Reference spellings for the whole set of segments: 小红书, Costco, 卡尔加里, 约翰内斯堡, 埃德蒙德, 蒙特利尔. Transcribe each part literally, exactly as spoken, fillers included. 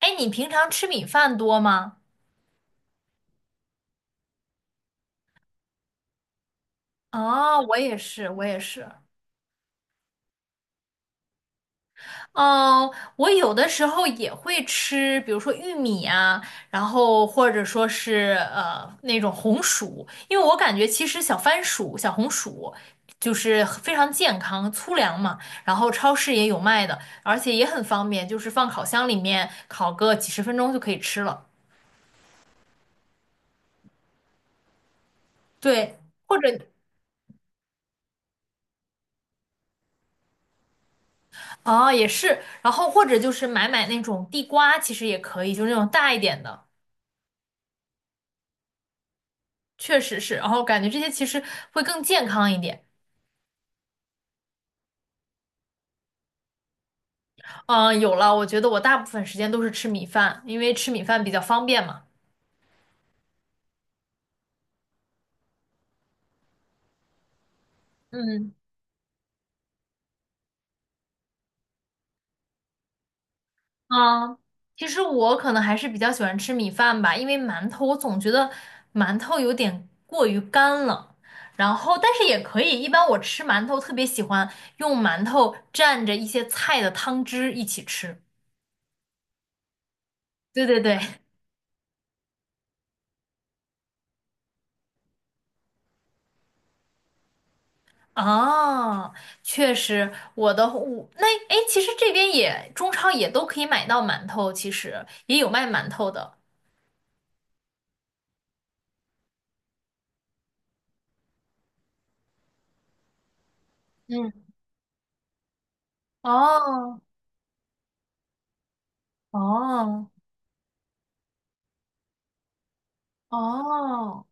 哎，你平常吃米饭多吗？哦，我也是，我也是。嗯，我有的时候也会吃，比如说玉米啊，然后或者说是呃那种红薯，因为我感觉其实小番薯、小红薯就是非常健康、粗粮嘛，然后超市也有卖的，而且也很方便，就是放烤箱里面烤个几十分钟就可以吃了。对，或者哦，也是，然后或者就是买买那种地瓜，其实也可以，就是那种大一点的，确实是。然后感觉这些其实会更健康一点。嗯，有了，我觉得我大部分时间都是吃米饭，因为吃米饭比较方便嘛。嗯嗯，其实我可能还是比较喜欢吃米饭吧，因为馒头我总觉得馒头有点过于干了。然后，但是也可以，一般我吃馒头特别喜欢用馒头蘸着一些菜的汤汁一起吃。对对对。哦，确实，我的我那哎，诶其实这边也中超也都可以买到馒头，其实也有卖馒头的。嗯，哦哦哦，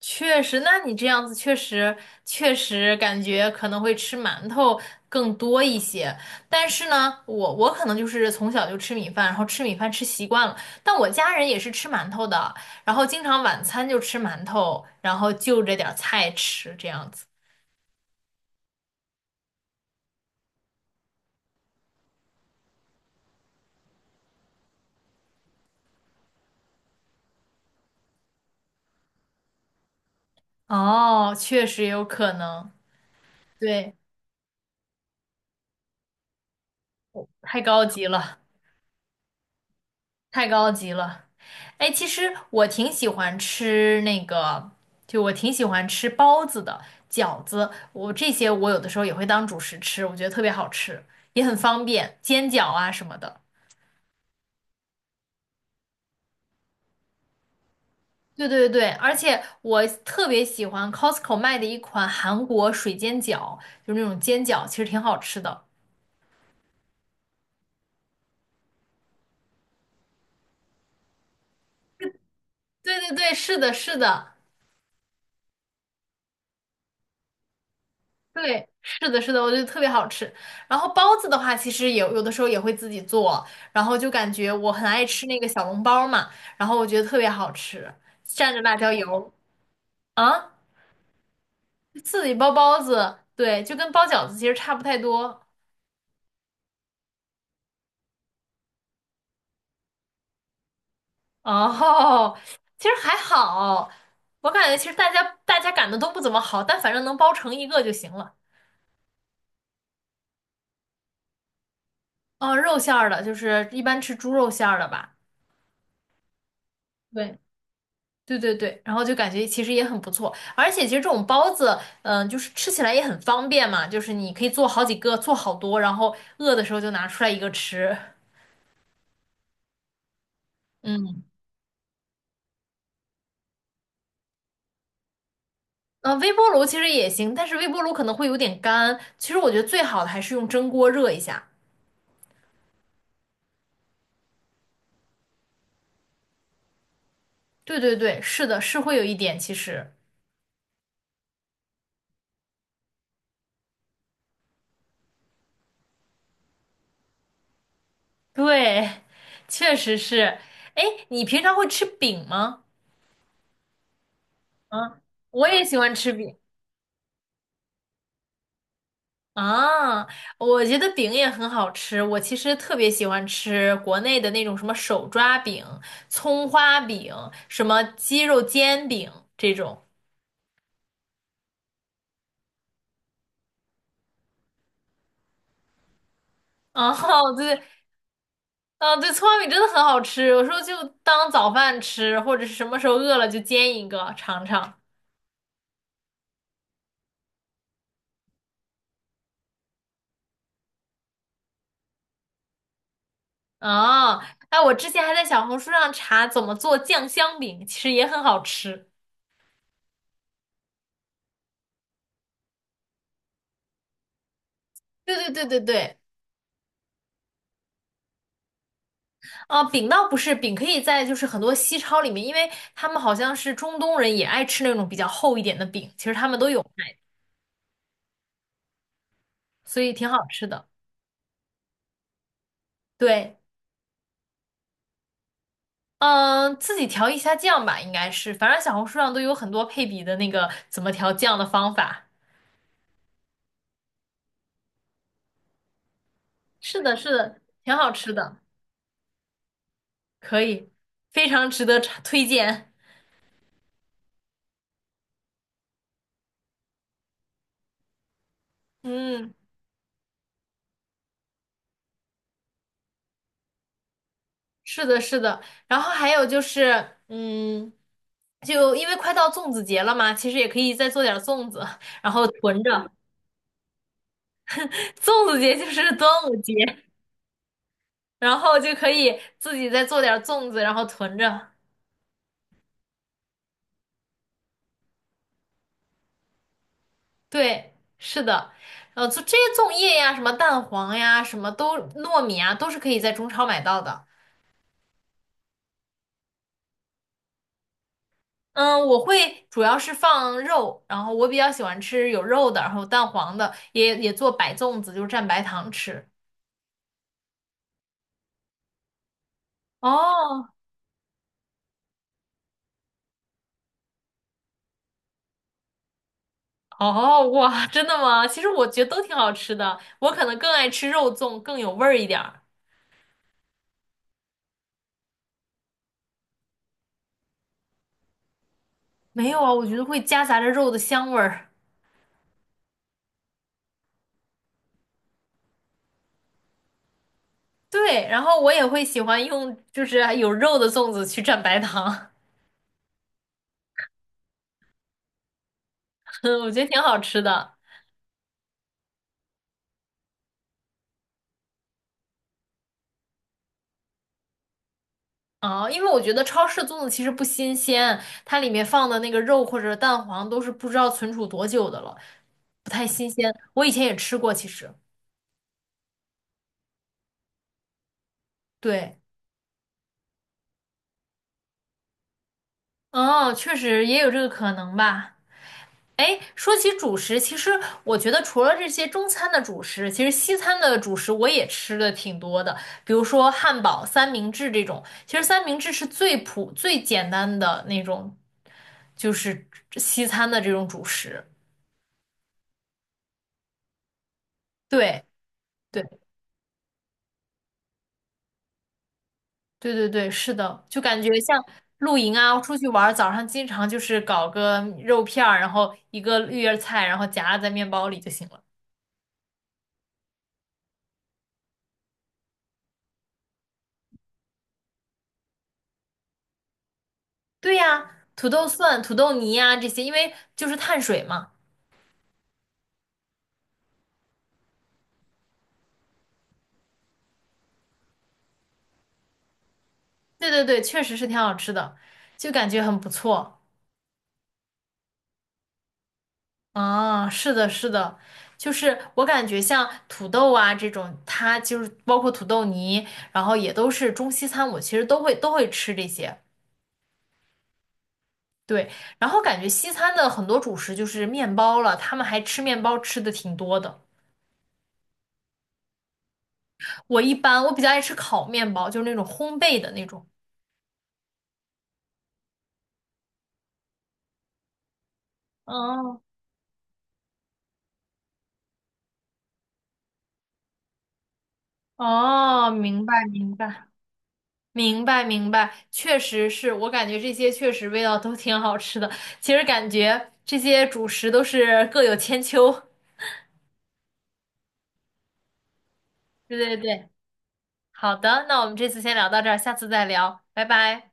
确实，那你这样子确实确实感觉可能会吃馒头更多一些。但是呢，我我可能就是从小就吃米饭，然后吃米饭吃习惯了。但我家人也是吃馒头的，然后经常晚餐就吃馒头，然后就着点儿菜吃这样子。哦，确实有可能，对，太高级了，太高级了。哎，其实我挺喜欢吃那个，就我挺喜欢吃包子的、饺子，我这些我有的时候也会当主食吃，我觉得特别好吃，也很方便，煎饺啊什么的。对对对，而且我特别喜欢 Costco 卖的一款韩国水煎饺，就是那种煎饺，其实挺好吃的。对对对，是的，是的。对，是的，是的，我觉得特别好吃。然后包子的话，其实也有的时候也会自己做，然后就感觉我很爱吃那个小笼包嘛，然后我觉得特别好吃，蘸着辣椒油啊，自己包包子，对，就跟包饺子其实差不太多。哦，其实还好，我感觉其实大家大家擀的都不怎么好，但反正能包成一个就行了。哦，肉馅儿的，就是一般吃猪肉馅儿的吧。对。对对对，然后就感觉其实也很不错，而且其实这种包子，嗯、就是吃起来也很方便嘛，就是你可以做好几个，做好多，然后饿的时候就拿出来一个吃。嗯，呃，微波炉其实也行，但是微波炉可能会有点干，其实我觉得最好的还是用蒸锅热一下。对对对，是的，是会有一点，其实对，确实是。哎，你平常会吃饼吗？嗯，我也喜欢吃饼。啊，我觉得饼也很好吃，我其实特别喜欢吃国内的那种什么手抓饼、葱花饼、什么鸡肉煎饼这种。啊，对，啊，对，葱花饼真的很好吃，我说就当早饭吃，或者是什么时候饿了就煎一个尝尝。啊，哎，我之前还在小红书上查怎么做酱香饼，其实也很好吃。对对对对对。啊，饼倒不是，饼可以在就是很多西超里面，因为他们好像是中东人也爱吃那种比较厚一点的饼，其实他们都有卖，所以挺好吃的。对，嗯，自己调一下酱吧，应该是，反正小红书上都有很多配比的那个怎么调酱的方法。是的，是的，挺好吃的，可以，非常值得尝推荐。嗯，是的，是的。然后还有就是，嗯，就因为快到粽子节了嘛，其实也可以再做点儿粽子，然后囤着。粽子节就是端午节，然后就可以自己再做点儿粽子，然后囤着。对，是的，呃，做这些粽叶呀，什么蛋黄呀，什么都糯米啊，都是可以在中超买到的。嗯，我会主要是放肉，然后我比较喜欢吃有肉的，然后蛋黄的，也也做白粽子，就是蘸白糖吃。哦哦，哇，真的吗？其实我觉得都挺好吃的，我可能更爱吃肉粽，更有味儿一点儿。没有啊，我觉得会夹杂着肉的香味儿。对，然后我也会喜欢用就是有肉的粽子去蘸白糖，我觉得挺好吃的。哦，因为我觉得超市粽子其实不新鲜，它里面放的那个肉或者蛋黄都是不知道存储多久的了，不太新鲜。我以前也吃过，其实。对，哦，确实也有这个可能吧。哎，说起主食，其实我觉得除了这些中餐的主食，其实西餐的主食我也吃的挺多的，比如说汉堡、三明治这种。其实三明治是最普、最简单的那种，就是西餐的这种主食。对，对，对对对，是的，就感觉像露营啊，出去玩儿，早上经常就是搞个肉片儿，然后一个绿叶菜，然后夹在面包里就行了。对呀，土豆蒜、土豆泥呀、这些，因为就是碳水嘛。对对对，确实是挺好吃的，就感觉很不错。啊，是的，是的，就是我感觉像土豆啊这种，它就是包括土豆泥，然后也都是中西餐，我其实都会都会吃这些。对，然后感觉西餐的很多主食就是面包了，他们还吃面包吃的挺多的。我一般我比较爱吃烤面包，就是那种烘焙的那种。哦哦，明白明白。明白明白，确实是我感觉这些确实味道都挺好吃的。其实感觉这些主食都是各有千秋。对对对，好的，那我们这次先聊到这儿，下次再聊，拜拜。